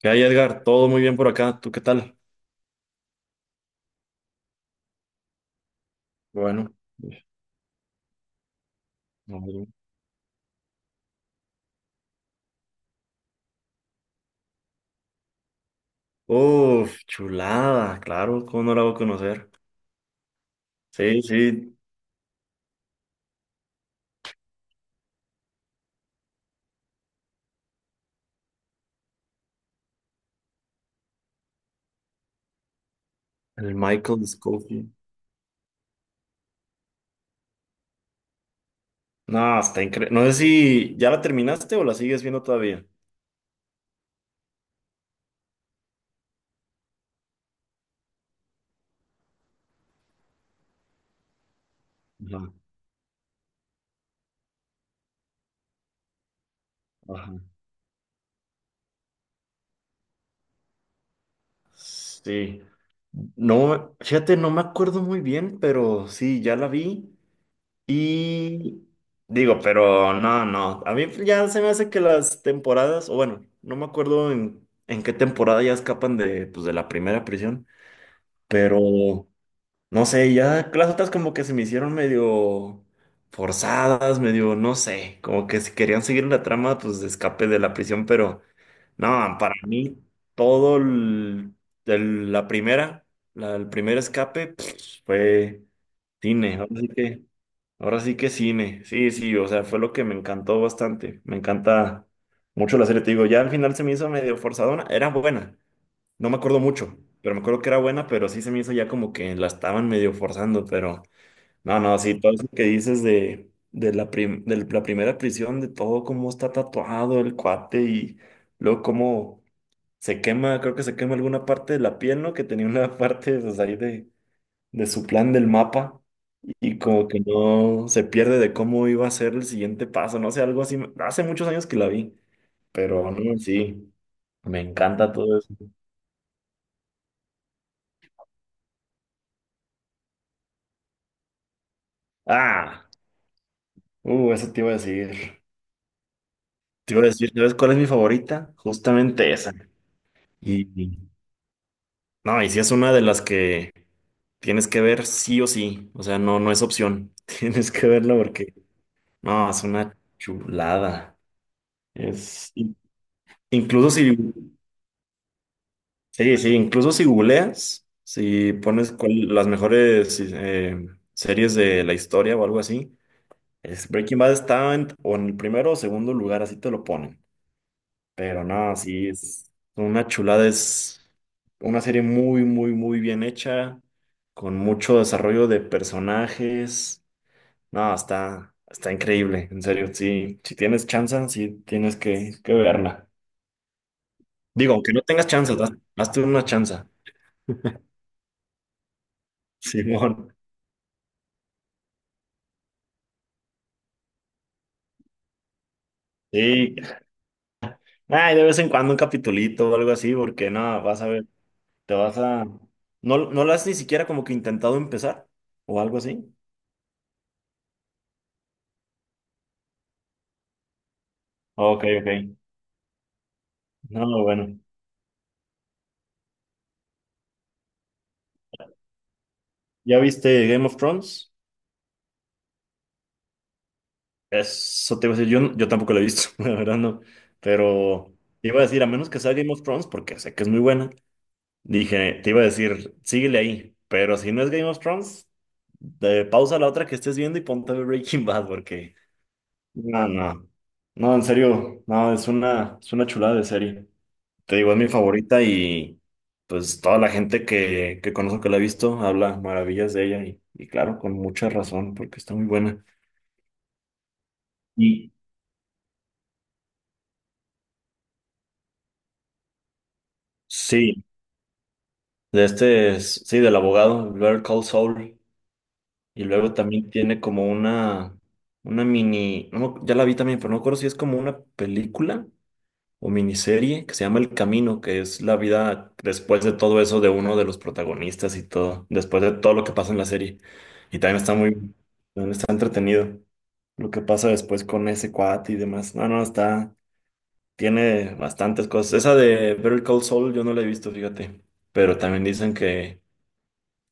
¿Qué hay, Edgar? Todo muy bien por acá. ¿Tú qué tal? Bueno. No, no. Uf, chulada. Claro, ¿cómo no la voy a conocer? Sí, sí. El Michael Scofield. No, está increíble. No sé si ya la terminaste o la sigues viendo todavía. Ajá, ajá. Sí. No, fíjate, no me acuerdo muy bien, pero sí, ya la vi. Y digo, pero no, no. A mí ya se me hace que las temporadas, o bueno, no me acuerdo en qué temporada ya escapan de, pues, de la primera prisión, pero no sé, ya las otras como que se me hicieron medio forzadas, medio, no sé, como que si querían seguir la trama, pues de escape de la prisión, pero no, para mí todo el- la primera, el primer escape, pues, fue cine, así. Ahora sí que cine, sí, sí, o sea, fue lo que me encantó bastante. Me encanta mucho la serie, te digo, ya al final se me hizo medio forzadona, era buena, no me acuerdo mucho, pero me acuerdo que era buena, pero sí se me hizo ya como que la estaban medio forzando, pero no, no, sí, todo eso que dices de, de la primera prisión, de todo cómo está tatuado el cuate y luego cómo se quema, creo que se quema alguna parte de la piel, ¿no? Que tenía una parte, pues ahí de su plan del mapa. Y como que no se pierde de cómo iba a ser el siguiente paso, no sé, algo así. Hace muchos años que la vi, pero no, sí, me encanta todo eso. Ah, eso te iba a decir. Te iba a decir, ¿sabes cuál es mi favorita? Justamente esa. Y y- no, y sí es una de las que tienes que ver sí o sí, o sea, no, no es opción. Tienes que verla porque, no, es una chulada. Es, in- incluso si Sí, sí, incluso si googleas, si pones las mejores series de la historia o algo así, es Breaking Bad está en, o en el primero o segundo lugar, así te lo ponen. Pero no, sí, es una chulada, es una serie muy, muy, muy bien hecha, con mucho desarrollo de personajes. No, está increíble, en serio, sí, si tienes chance, sí tienes que verla. Digo, aunque no tengas chance, hazte una chance. Simón. Sí, Ay, de vez en cuando un capitulito o algo así, porque no, vas a ver, te vas a... ¿No, no lo has ni siquiera como que intentado empezar? ¿O algo así? Ok, ok. No, bueno. ¿Ya viste Game of Thrones? Eso te iba a decir, yo, yo tampoco lo he visto, la verdad no. Pero te iba a decir, a menos que sea Game of Thrones, porque sé que es muy buena, dije, te iba a decir, síguele ahí. Pero si no es Game of Thrones, pausa la otra que estés viendo y ponte a ver Breaking Bad, porque... No, no. No, en serio, no, es una chulada de serie. Te digo, es mi favorita y pues toda la gente que conozco que la ha visto habla maravillas de ella y claro, con mucha razón porque está muy buena. Y sí, sí, del abogado, Better Call Saul. Y luego también tiene como una mini, no, ya la vi también, pero no me acuerdo si es como una película o miniserie que se llama El Camino, que es la vida después de todo eso de uno de los protagonistas y todo, después de todo lo que pasa en la serie. Y también está muy, también está entretenido lo que pasa después con ese cuate y demás. No, no, está, tiene bastantes cosas. Esa de Better Call Saul yo no la he visto, fíjate, pero también dicen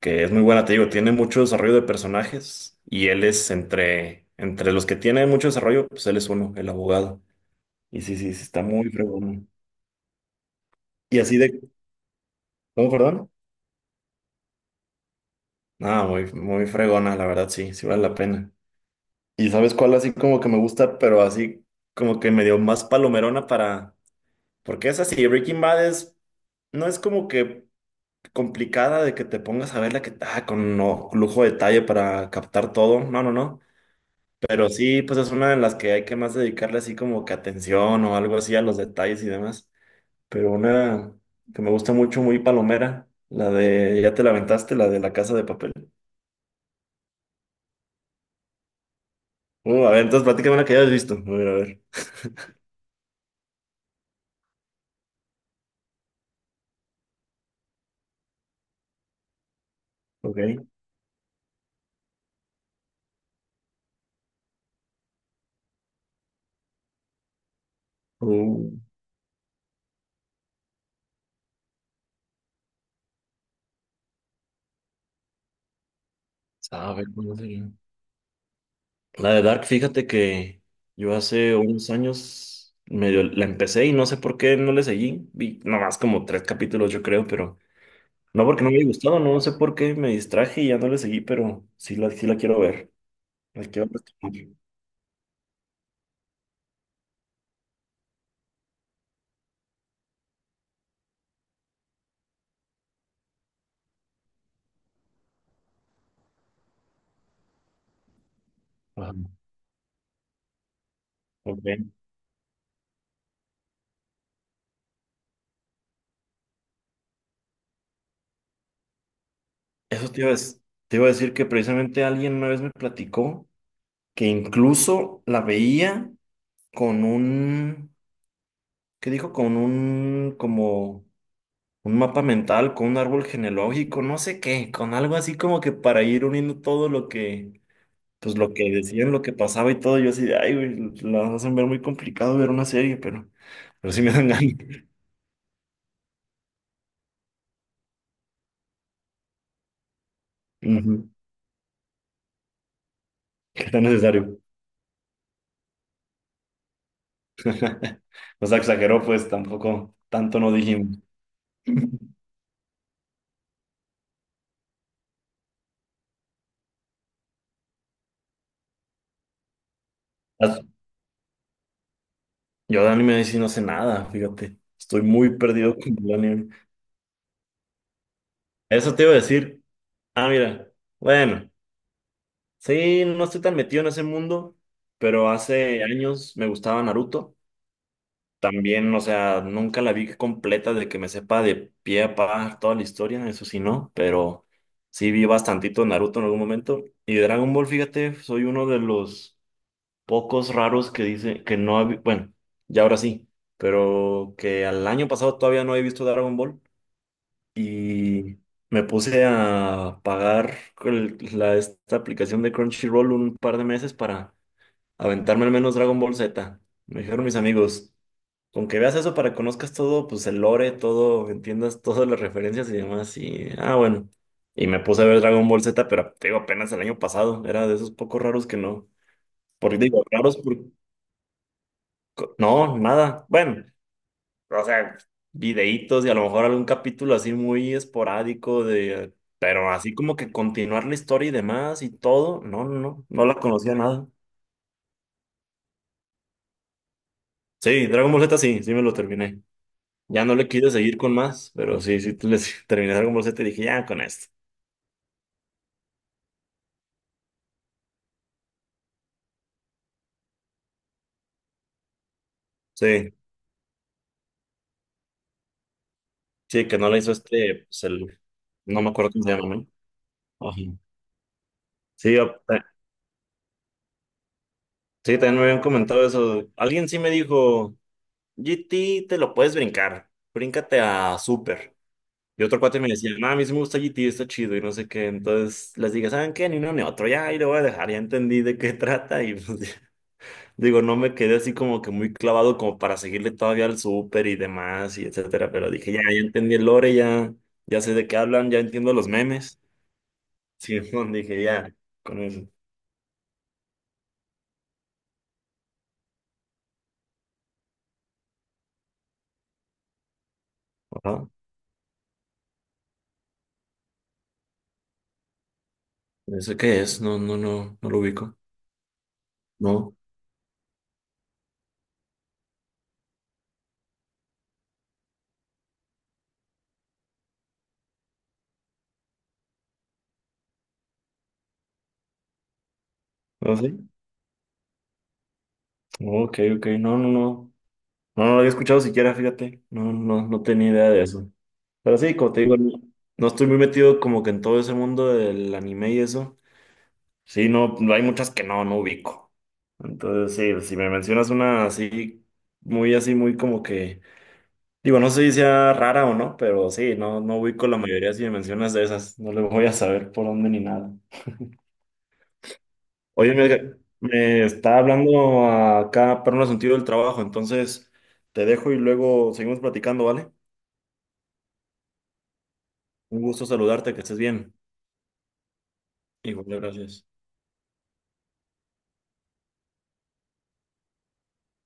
que es muy buena, te digo, tiene mucho desarrollo de personajes y él es entre... Entre los que tiene mucho desarrollo, pues él es uno, el abogado. Y sí, sí, sí, está muy fregón. Y así de, ¿Cómo, perdón? Ah, muy, muy fregona, la verdad, sí, sí vale la pena. ¿Y sabes cuál así como que me gusta, pero así como que me dio más palomerona para... Porque es así, Breaking Bad es... No es como que complicada de que te pongas a verla que ah, con no, lujo de detalle para captar todo. No, no, no. Pero sí, pues es una de las que hay que más dedicarle así como que atención o algo así a los detalles y demás. Pero una que me gusta mucho, muy palomera, la de... ¿Ya te la aventaste? La de La Casa de Papel. A ver, entonces platícame una que hayas visto. A ver, a ver. Ok. Uh, a ver, ¿cómo sería? La de Dark, fíjate que yo hace unos años medio la empecé y no sé por qué no le seguí. Vi nomás como tres capítulos, yo creo, pero no porque no me haya gustado, no sé por qué me distraje y ya no le seguí, pero sí la quiero ver. La quiero retomar. Ajá. Ok. Eso te iba a decir que precisamente alguien una vez me platicó que incluso la veía con un ¿Qué dijo? Con un, como, un mapa mental, con un árbol genealógico, no sé qué, con algo así como que para ir uniendo todo lo que, pues lo que decían, lo que pasaba y todo. Yo así de, ay, güey, la hacen ver muy complicado ver una serie, pero sí me dan ganas. Ujú, que tan necesario. O sea, exageró, pues tampoco, tanto no dijimos. As- Yo de anime sí no sé nada, fíjate. Estoy muy perdido con el anime. Eso te iba a decir. Ah, mira. Bueno. Sí, no estoy tan metido en ese mundo, pero hace años me gustaba Naruto. También, o sea, nunca la vi completa de que me sepa de pie a pa toda la historia, eso sí no, pero sí vi bastantito Naruto en algún momento. Y de Dragon Ball, fíjate, soy uno de los pocos raros que dice que no ha vi- bueno, ya ahora sí, pero que al año pasado todavía no he visto Dragon Ball y me puse a pagar esta aplicación de Crunchyroll un par de meses para aventarme al menos Dragon Ball Z. Me dijeron mis amigos, con que veas eso para que conozcas todo, pues el lore, todo, entiendas todas las referencias y demás. Y, bueno. Y me puse a ver Dragon Ball Z, pero te digo, apenas el año pasado. Era de esos pocos raros que no. Porque digo, raros por... No, nada. Bueno, o sea, videitos y a lo mejor algún capítulo así muy esporádico de... Pero así como que continuar la historia y demás y todo. No, no, no. No la conocía nada. Sí, Dragon Ball Z sí, sí me lo terminé. Ya no le quise seguir con más, pero sí, sí, les terminé Dragon Ball Z y dije, ya con esto. Sí, sí, que no la hizo este, pues el, no me acuerdo cómo se llama, ¿no? Ajá. Sí, sí, también me habían comentado eso. Alguien sí me dijo, GT te lo puedes brincar, bríncate a Super. Y otro cuate me decía, no, a mí sí me gusta GT, está chido y no sé qué. Entonces les dije, ¿saben qué? Ni uno ni otro, ya ahí lo voy a dejar, ya entendí de qué trata y pues. Digo, no me quedé así como que muy clavado como para seguirle todavía al súper y demás y etcétera, pero dije, ya, ya entendí el lore, ya, ya sé de qué hablan, ya entiendo los memes. Sí, bueno, dije, ya, con eso. Ajá. ¿Eso qué es? No, no, no, no lo ubico. No. ¿No sí? Ok, ok, no, no, no. No, no lo había escuchado siquiera, fíjate. No, no, no tenía idea de eso. Pero sí, como te digo, no no estoy muy metido como que en todo ese mundo del anime y eso. Sí, no, no hay muchas que no, no ubico. Entonces, sí, si me mencionas una así, muy como que, digo, no sé si sea rara o no, pero sí, no, no ubico la mayoría si me mencionas de esas, no le voy a saber por dónde ni nada. Oye, me está hablando acá para un asunto del trabajo, entonces te dejo y luego seguimos platicando, ¿vale? Un gusto saludarte, que estés bien. Igual, gracias.